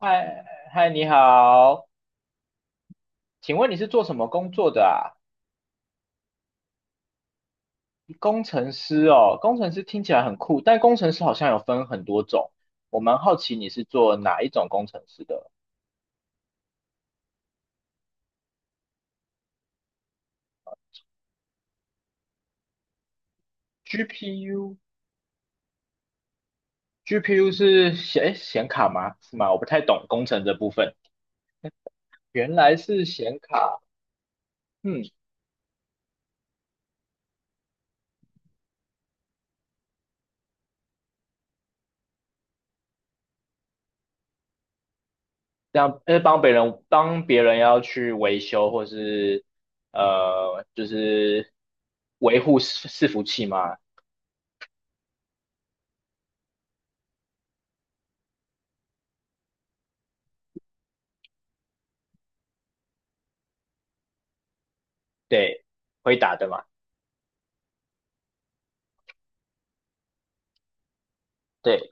嗨嗨，你好，请问你是做什么工作的啊？工程师哦，工程师听起来很酷，但工程师好像有分很多种，我蛮好奇你是做哪一种工程师的GPU，GPU 是显卡吗？是吗？我不太懂工程这部分。原来是显卡，嗯，这样帮别人要去维修或是呃就是维护伺服器吗？对，回答的嘛。对。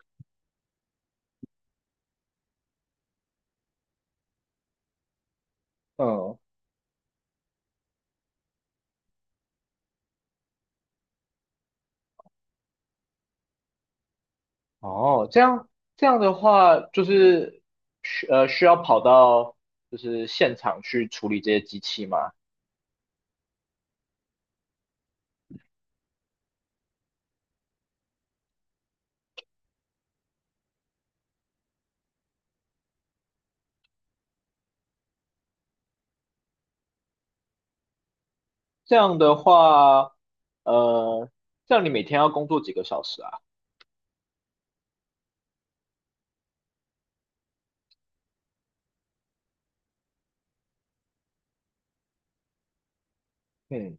嗯。哦，这样的话，就是需要跑到就是现场去处理这些机器吗？这样的话，呃，这样你每天要工作几个小时啊？嗯。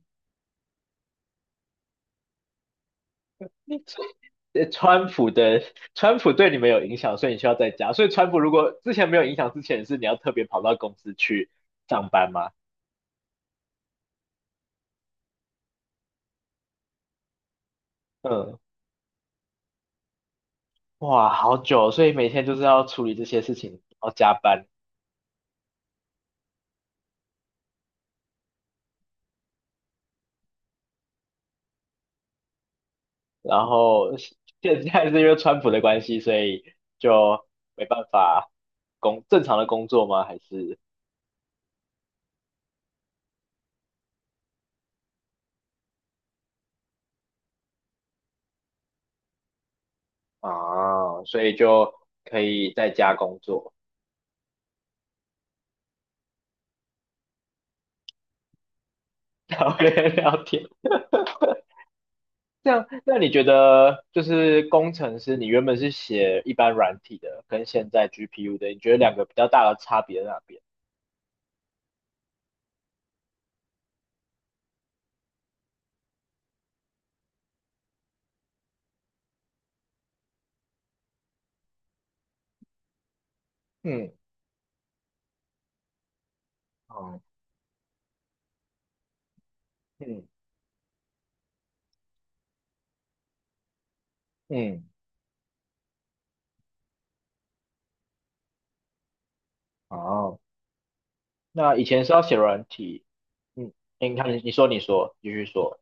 呃川普的川普对你们有影响，所以你需要在家。所以川普如果之前没有影响之前，是你要特别跑到公司去上班吗？嗯。哇，好久哦，所以每天就是要处理这些事情，要加班。然后现在是因为川普的关系，所以就没办法正常的工作吗？还是啊，所以就可以在家工作，然后跟人聊天。这样，那你觉得就是工程师，你原本是写一般软体的，跟现在 GPU 的，你觉得两个比较大的差别在哪边？嗯。哦。嗯嗯，哦，那以前是要写软体，嗯，你看你说，继续说，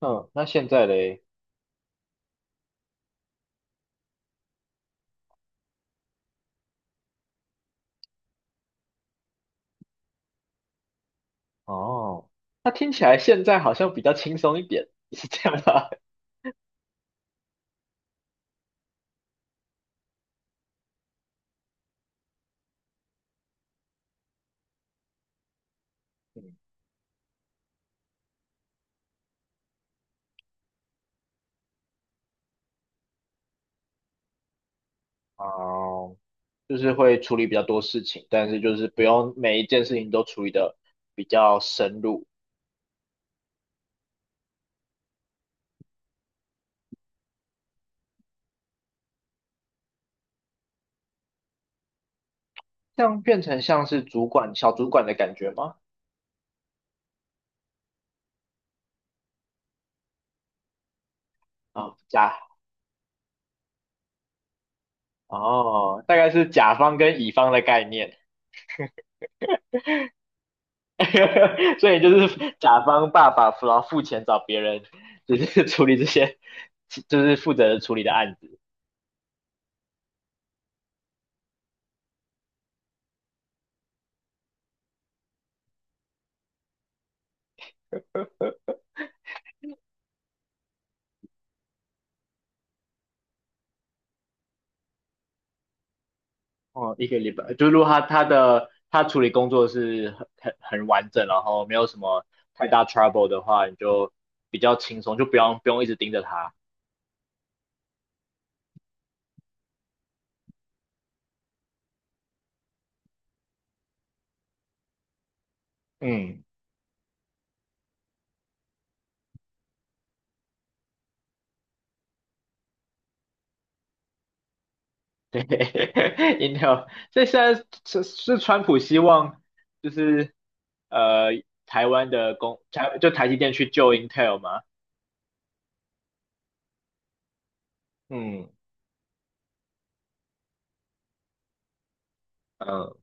嗯，那现在嘞？哦，那听起来现在好像比较轻松一点，是这样吧？嗯。哦，就是会处理比较多事情，但是就是不用每一件事情都处理的比较深入，这样变成像是主管、小主管的感觉吗？啊、甲，哦，大概是甲方跟乙方的概念，所以就是甲方爸爸然后付钱找别人，就是处理这些，就是负责处理的案子。哦，一个礼拜，就如果他处理工作是很完整，然后没有什么太大 trouble 的话，你就比较轻松，就不用一直盯着他。嗯。对 ，Intel,所以现在是川普希望就是呃台湾的就台积电去救 Intel 吗？嗯嗯，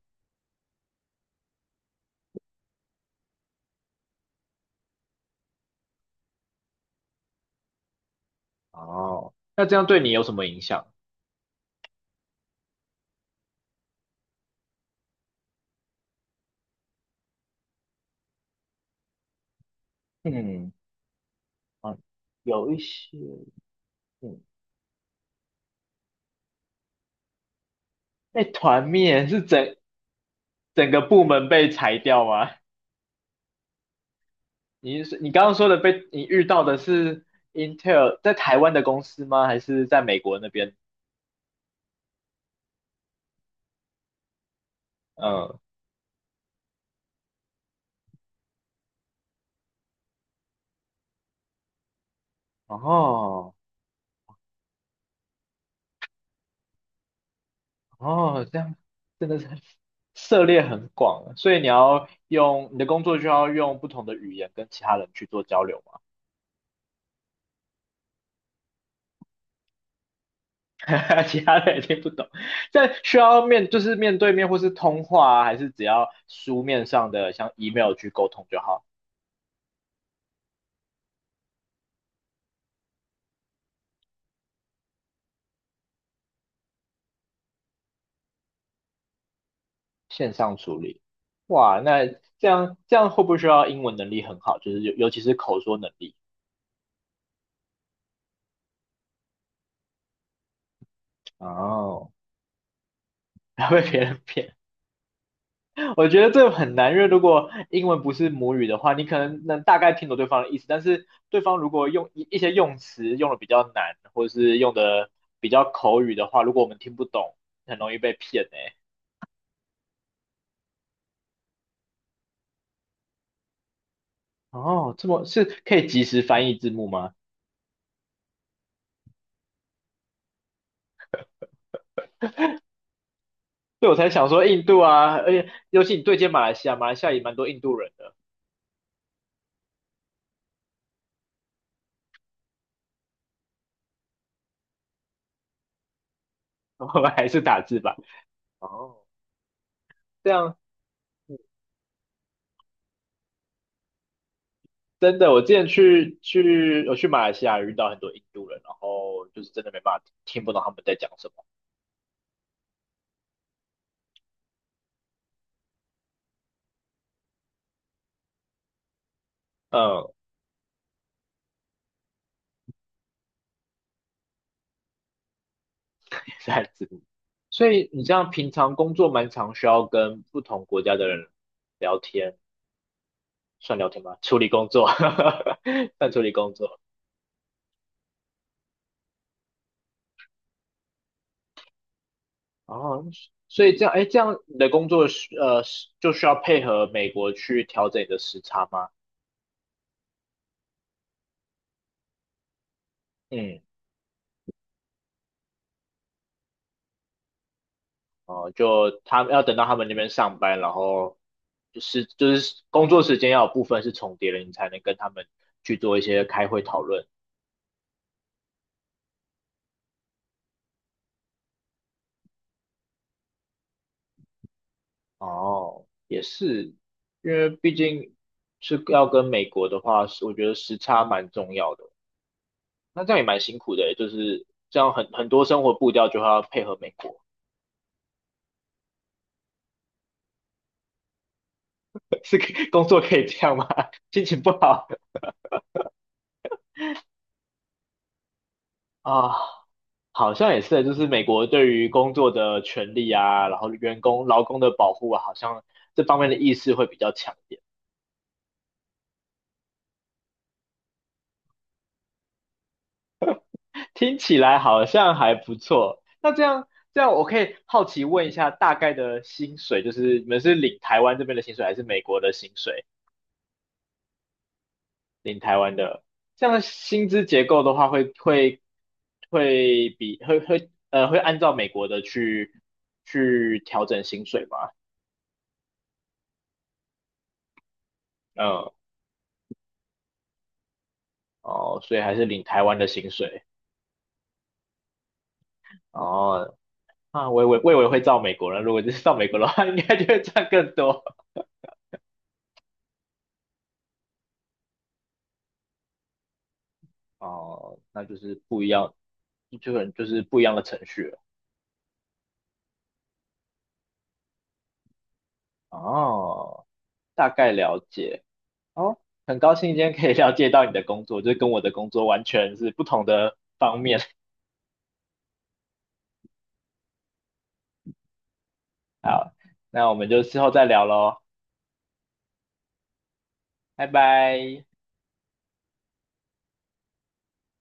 哦，那这样对你有什么影响？嗯，啊，有一些，嗯，被团灭是怎？整个部门被裁掉吗？你是你刚刚说的被你遇到的是 Intel 在台湾的公司吗？还是在美国那边？嗯。哦哦，这样真的是 很涉猎很广啊，所以你要用你的工作就要用不同的语言跟其他人去做交流嘛，其他人也听不懂。但需要就是面对面或是通话啊，还是只要书面上的像 email 去沟通就好？线上处理，哇，那这样会不会需要英文能力很好，就是尤其是口说能力？哦，不要被别人骗，我觉得这很难，因为如果英文不是母语的话，你可能能大概听懂对方的意思，但是对方如果用一些用词用的比较难，或者是用的比较口语的话，如果我们听不懂，很容易被骗诶、哦，这么是可以及时翻译字幕吗？对，我才想说印度啊，而且尤其你对接马来西亚，马来西亚也蛮多印度人的。我们还是打字吧。哦，这样嗯真的，我之前我去马来西亚遇到很多印度人，然后就是真的没办法听不懂他们在讲什么，嗯，是汉字幕。所以你这样平常工作蛮常需要跟不同国家的人聊天，算聊天吗？处理工作，算处理工作。哦，所以这样，哎，这样你的工作是是就需要配合美国去调整你的时差吗？嗯。哦，就他们要等到他们那边上班，然后就是工作时间要有部分是重叠的，你才能跟他们去做一些开会讨论。哦，也是，因为毕竟是要跟美国的话，是我觉得时差蛮重要的。那这样也蛮辛苦的欸，就是这样很多生活步调就要配合美国，是可以工作可以这样吗？心情不好啊，哦好像也是，就是美国对于工作的权利啊，然后员工劳工的保护啊，好像这方面的意识会比较强一点。听起来好像还不错。那这样，我可以好奇问一下，大概的薪水，就是你们是领台湾这边的薪水，还是美国的薪水？领台湾的，这样的薪资结构的话会会比会会呃会按照美国的去调整薪水吗？嗯，哦，所以还是领台湾的薪水。哦，那我以为会照美国人，如果就是照美国的话，应该就会赚更多。哦，那就是不一样，就很就是不一样的程序了。哦，大概了解。哦，很高兴今天可以了解到你的工作，就是跟我的工作完全是不同的方面。好，那我们就之后再聊喽，拜拜。